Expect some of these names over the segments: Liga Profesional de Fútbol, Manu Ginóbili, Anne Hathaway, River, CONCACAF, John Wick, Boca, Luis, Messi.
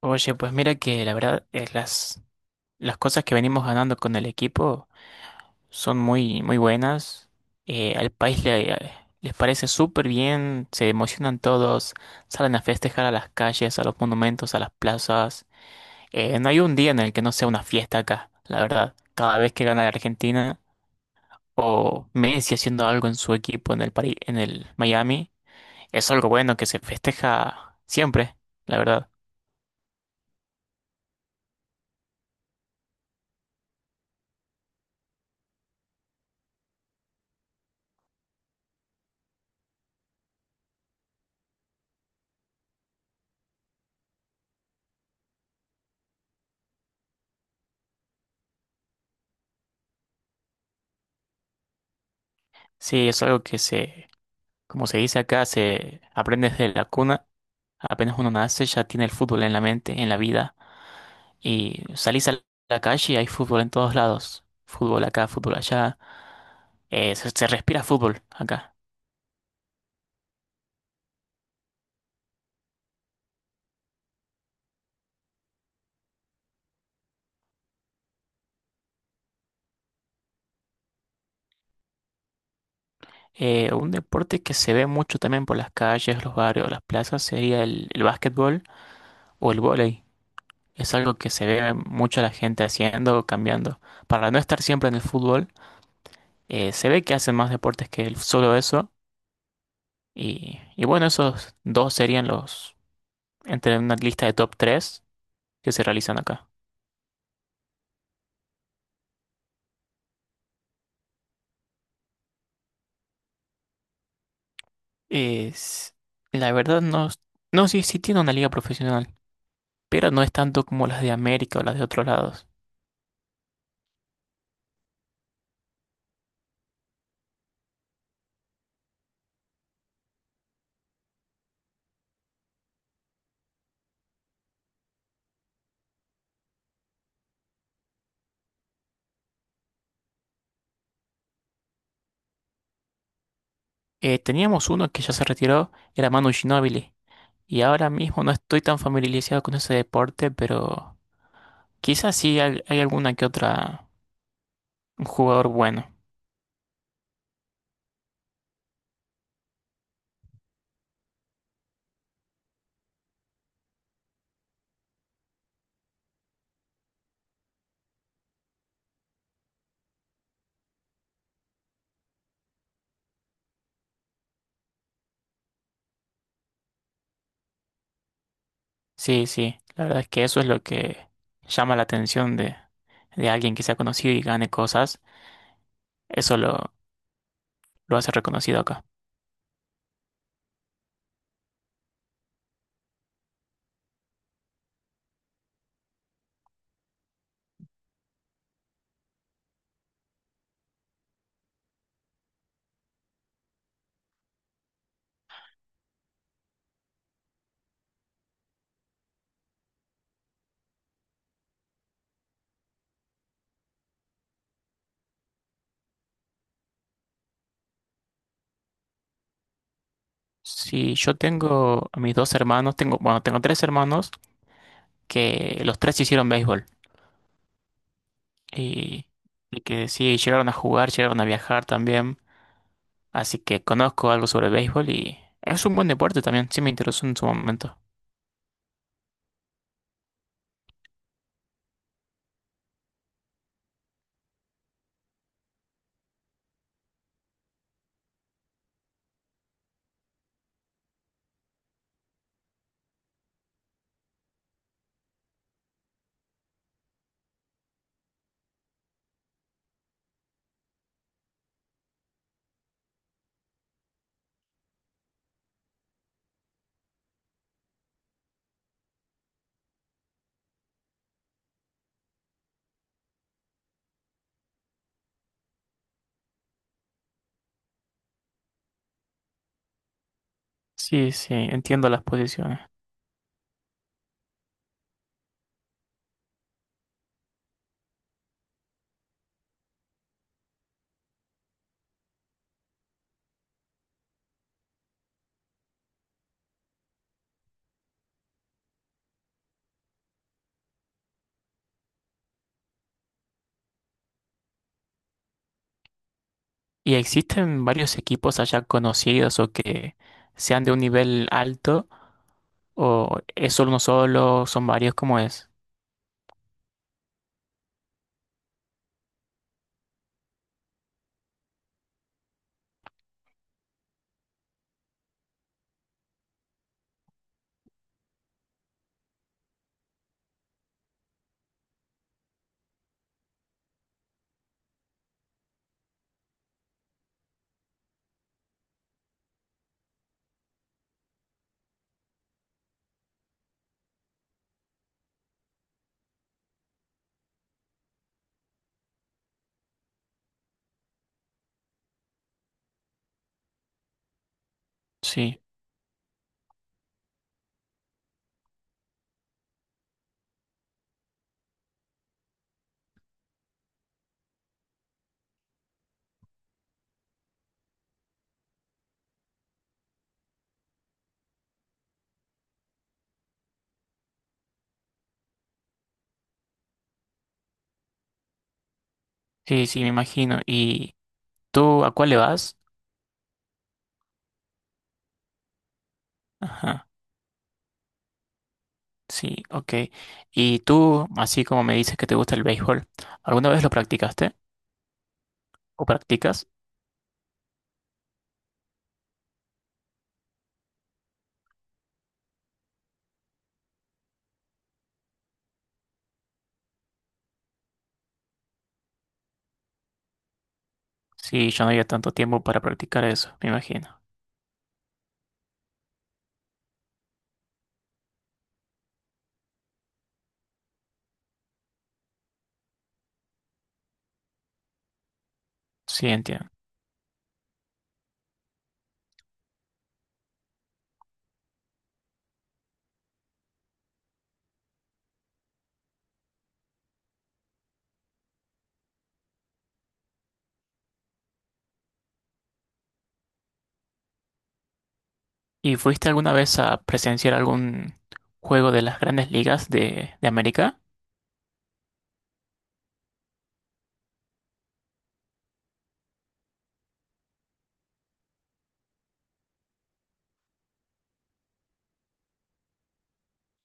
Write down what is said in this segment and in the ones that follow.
Oye, pues mira que la verdad es las cosas que venimos ganando con el equipo son muy, muy buenas. Al país les parece súper bien, se emocionan todos, salen a festejar a las calles, a los monumentos, a las plazas. No hay un día en el que no sea una fiesta acá, la verdad. Cada vez que gana la Argentina o Messi haciendo algo en su equipo en el Miami, es algo bueno que se festeja siempre, la verdad. Sí, es algo que se como se dice acá, se aprende desde la cuna. Apenas uno nace, ya tiene el fútbol en la mente, en la vida. Y salís a la calle y hay fútbol en todos lados. Fútbol acá, fútbol allá. Se respira fútbol acá. Un deporte que se ve mucho también por las calles, los barrios, las plazas sería el básquetbol o el vóley. Es algo que se ve mucho la gente haciendo, cambiando. Para no estar siempre en el fútbol, se ve que hacen más deportes que solo eso. Y bueno, esos dos serían los entre una lista de top 3 que se realizan acá. Es, la verdad no, es- no sí, sí tiene una liga profesional, pero no es tanto como las de América o las de otros lados. Teníamos uno que ya se retiró, era Manu Ginóbili, y ahora mismo no estoy tan familiarizado con ese deporte, pero quizás sí hay alguna que otra un jugador bueno. Sí, sí, la verdad es que eso es lo que llama la atención de alguien que sea conocido y gane cosas, eso lo hace reconocido acá. Sí, yo tengo a mis dos hermanos, tengo, bueno, tengo tres hermanos que los tres hicieron béisbol y, y que sí, llegaron a jugar, llegaron a viajar también, así que conozco algo sobre el béisbol y es un buen deporte también, sí me interesó en su momento. Sí, sí, entiendo las posiciones. ¿Y existen varios equipos allá conocidos o que sean de un nivel alto o es solo uno solo, son varios, como es? Sí, sí, sí, me imagino. ¿Y tú a cuál le vas? Ajá. Sí, ok. Y tú, así como me dices que te gusta el béisbol, ¿alguna vez lo practicaste o practicas? Sí, yo no había tanto tiempo para practicar eso, me imagino. Sí, entiendo. ¿Y fuiste alguna vez a presenciar algún juego de las grandes ligas de América?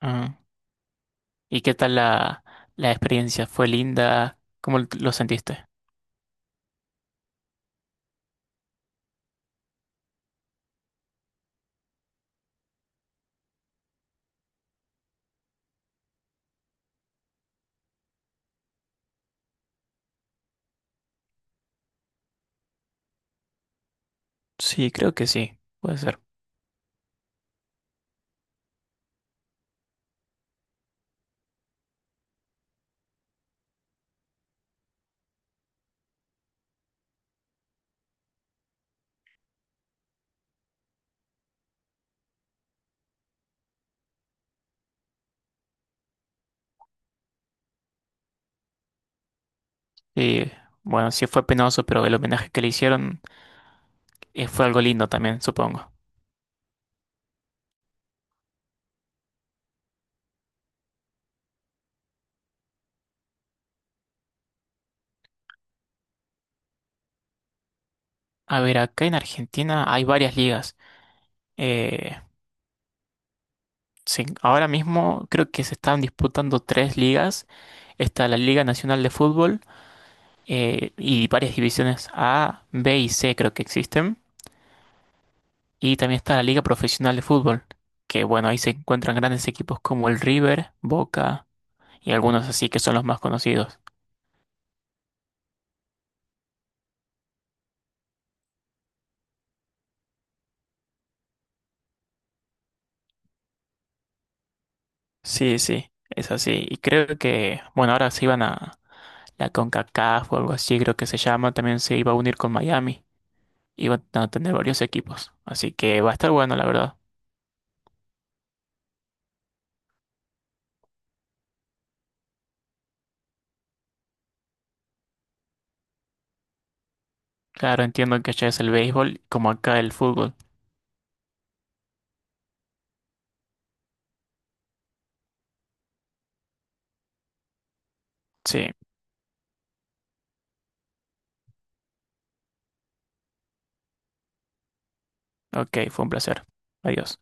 Ah. ¿Y qué tal la experiencia? ¿Fue linda? ¿Cómo lo sentiste? Sí, creo que sí, puede ser. Y bueno, sí fue penoso, pero el homenaje que le hicieron fue algo lindo también, supongo. A ver, acá en Argentina hay varias ligas. Eh, sí, ahora mismo creo que se están disputando tres ligas. Está la Liga Nacional de Fútbol y varias divisiones A, B y C creo que existen. Y también está la Liga Profesional de Fútbol, que bueno, ahí se encuentran grandes equipos como el River, Boca, y algunos así que son los más conocidos. Sí, sí, es así. Y creo que, bueno, ahora se iban a la CONCACAF o algo así, creo que se llama, también se iba a unir con Miami. Iban a tener varios equipos. Así que va a estar bueno, la verdad. Claro, entiendo que allá es el béisbol como acá el fútbol. Sí, ok, fue un placer. Adiós.